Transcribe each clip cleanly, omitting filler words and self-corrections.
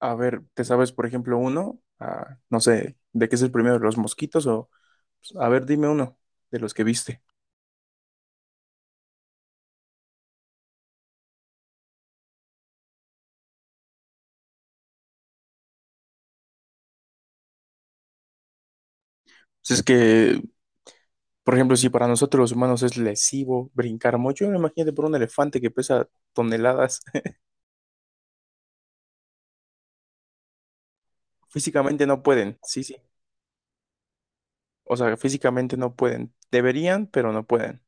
A ver, ¿te sabes, por ejemplo, uno? Ah, no sé, ¿de qué es el primero? ¿Los mosquitos? O, pues, a ver, dime uno de los que viste. Si es que, por ejemplo, si para nosotros los humanos es lesivo brincar mucho, imagínate por un elefante que pesa toneladas. Físicamente no pueden, sí, sí. O sea, físicamente no pueden. Deberían, pero no pueden.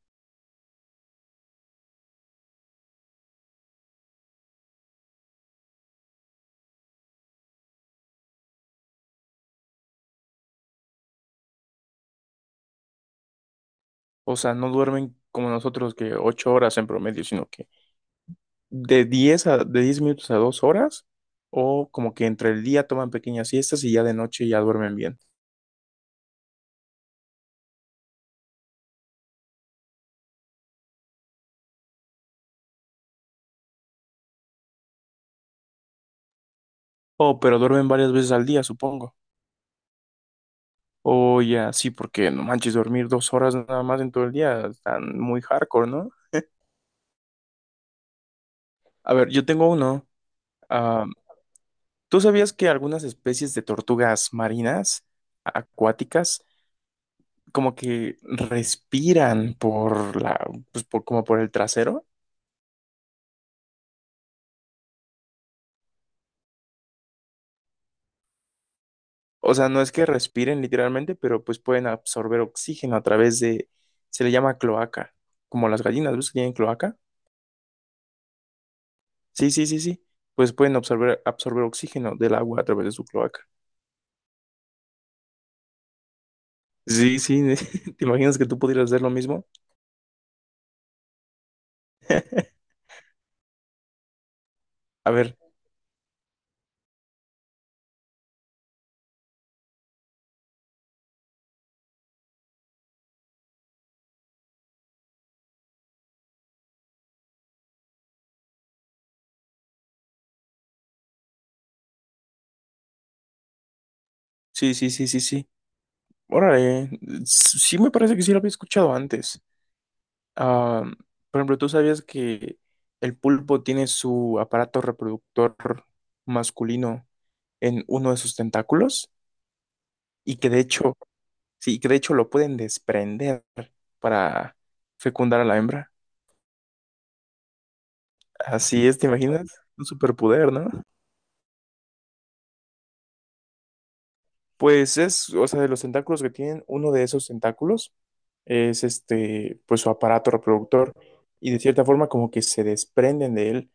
O sea, no duermen como nosotros que 8 horas en promedio, sino que de 10 minutos a 2 horas, o como que entre el día toman pequeñas siestas y ya de noche ya duermen bien. Oh, pero duermen varias veces al día, supongo. Oh, ya, sí, porque no manches, dormir 2 horas nada más en todo el día, están muy hardcore, ¿no? A ver, yo tengo uno. Ah, ¿tú sabías que algunas especies de tortugas marinas, acuáticas, como que respiran pues como por el trasero? O sea, no es que respiren literalmente, pero pues pueden absorber oxígeno a través de, se le llama cloaca, como las gallinas, ¿ves que tienen cloaca? Sí, sí, sí, sí. Pues pueden absorber oxígeno del agua a través de su cloaca. Sí, sí. ¿Te imaginas que tú pudieras hacer lo mismo? A ver, sí, sí, sí, sí, sí. Órale, sí me parece que sí lo había escuchado antes. Ah, por ejemplo, ¿tú sabías que el pulpo tiene su aparato reproductor masculino en uno de sus tentáculos? Y que de hecho, sí, que de hecho lo pueden desprender para fecundar a la hembra. Así es, ¿te imaginas? Un superpoder, ¿no? Pues es, o sea, de los tentáculos que tienen, uno de esos tentáculos es este, pues su aparato reproductor y de cierta forma como que se desprenden de él,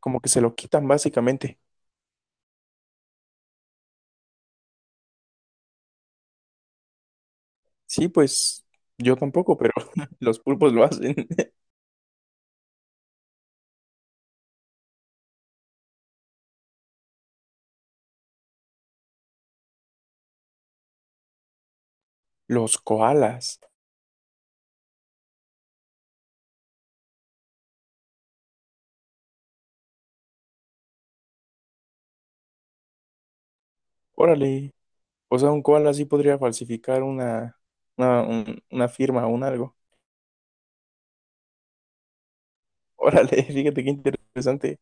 como que se lo quitan básicamente. Sí, pues yo tampoco, pero los pulpos lo hacen. Los koalas, órale, o sea, un koala sí podría falsificar una firma o un algo. Órale, fíjate qué interesante.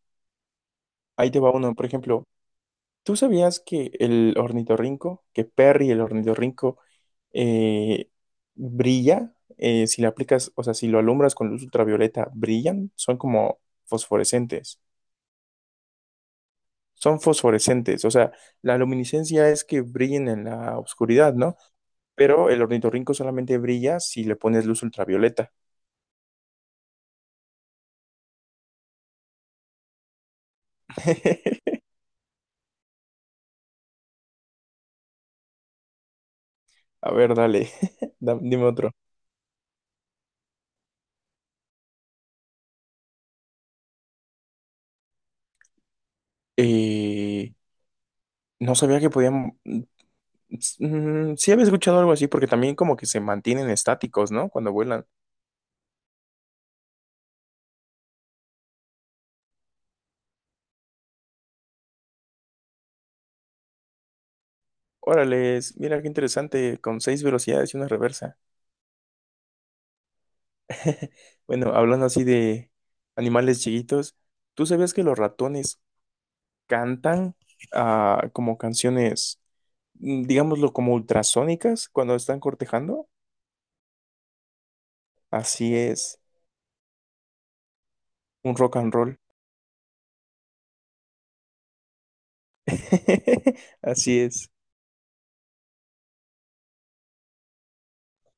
Ahí te va uno, por ejemplo. ¿Tú sabías que el ornitorrinco, que Perry el ornitorrinco eh, brilla? Si le aplicas, o sea, si lo alumbras con luz ultravioleta, brillan, son como fosforescentes. Son fosforescentes, o sea, la luminiscencia es que brillen en la oscuridad, ¿no? Pero el ornitorrinco solamente brilla si le pones luz ultravioleta. A ver, dale, Dime otro. Eh, no sabía que podían. Sí había escuchado algo así, porque también como que se mantienen estáticos, ¿no? Cuando vuelan. Órale, mira qué interesante, con 6 velocidades y una reversa. Bueno, hablando así de animales chiquitos, ¿tú sabías que los ratones cantan como canciones, digámoslo, como ultrasónicas cuando están cortejando? Así es, un rock and roll. Así es.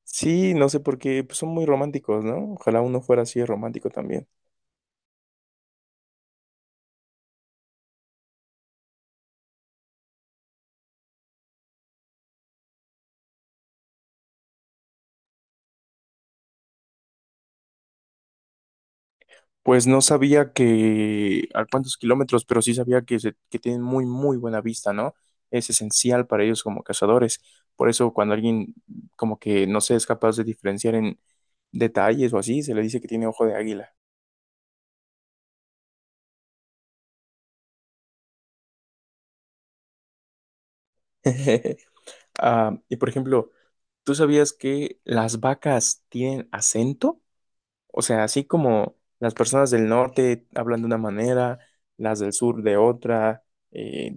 Sí, no sé por qué, pues son muy románticos, ¿no? Ojalá uno fuera así de romántico también. Pues no sabía que a cuántos kilómetros, pero sí sabía que tienen muy, muy buena vista, ¿no? Es esencial para ellos como cazadores. Por eso cuando alguien como que no se es capaz de diferenciar en detalles o así, se le dice que tiene ojo de águila. Ah, y por ejemplo, ¿tú sabías que las vacas tienen acento? O sea, así como las personas del norte hablan de una manera, las del sur de otra, eh,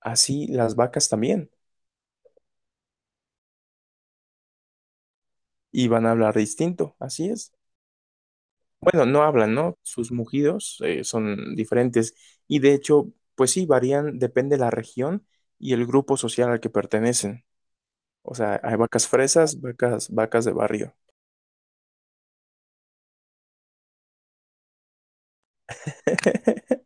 así las vacas también. Y van a hablar distinto, así es. Bueno, no hablan, ¿no? Sus mugidos son diferentes y de hecho, pues sí, varían, depende de la región y el grupo social al que pertenecen. O sea, hay vacas fresas, vacas de barrio.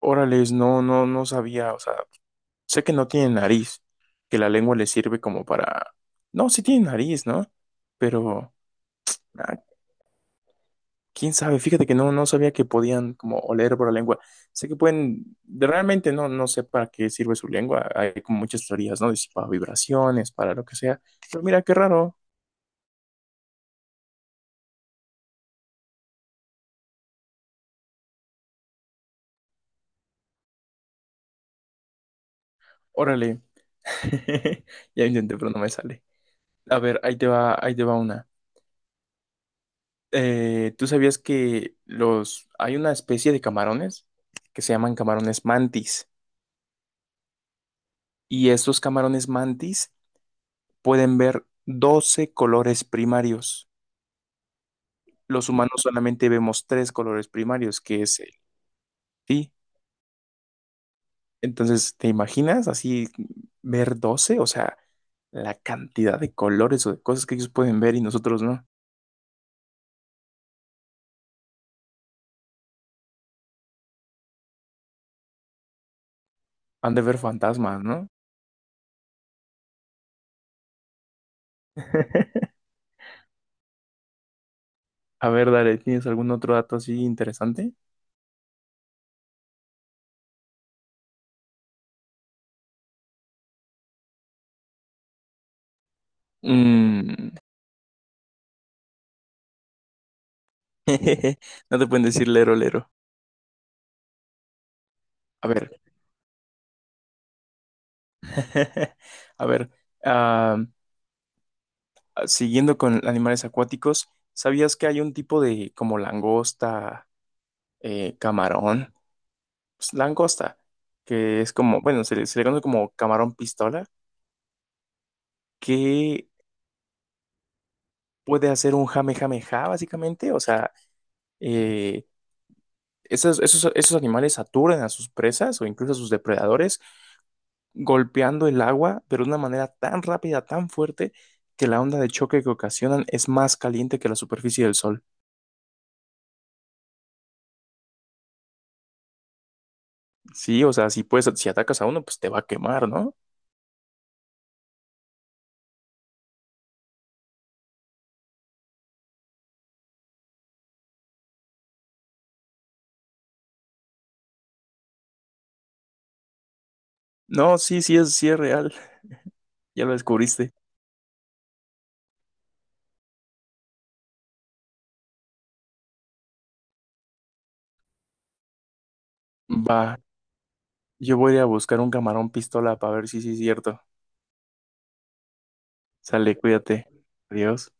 Órales, no, no, no sabía, o sea, sé que no tiene nariz, que la lengua le sirve como para... No, sí tiene nariz, ¿no? Pero, ah, quién sabe, fíjate que no, no sabía que podían como oler por la lengua. Sé que pueden, realmente no, no sé para qué sirve su lengua. Hay como muchas teorías, ¿no? De si para vibraciones, para lo que sea. Pero mira, qué raro. Órale. Ya intenté, pero no me sale. A ver, ahí te va una. ¿Tú sabías que hay una especie de camarones que se llaman camarones mantis? Y estos camarones mantis pueden ver 12 colores primarios. Los humanos solamente vemos tres colores primarios, que es el sí. Entonces, ¿te imaginas así ver 12, o sea, la cantidad de colores o de cosas que ellos pueden ver y nosotros no. Han de ver fantasmas, ¿no? A ver, dale, ¿tienes algún otro dato así interesante? Mm, No te pueden decir lero, lero. A ver, a ver, ah, siguiendo con animales acuáticos, ¿sabías que hay un tipo de como langosta, camarón? Pues, langosta, que es como, bueno, se le conoce como camarón pistola, que puede hacer un jamejameja, básicamente. O sea, eh, esos animales saturan a sus presas o incluso a sus depredadores, golpeando el agua, pero de una manera tan rápida, tan fuerte, que la onda de choque que ocasionan es más caliente que la superficie del sol. Sí, o sea, si puedes, si atacas a uno, pues te va a quemar, ¿no? No, sí, sí es real, ya lo descubriste. Va, yo voy a ir a buscar un camarón pistola para ver si sí es cierto. Sale, cuídate. Adiós.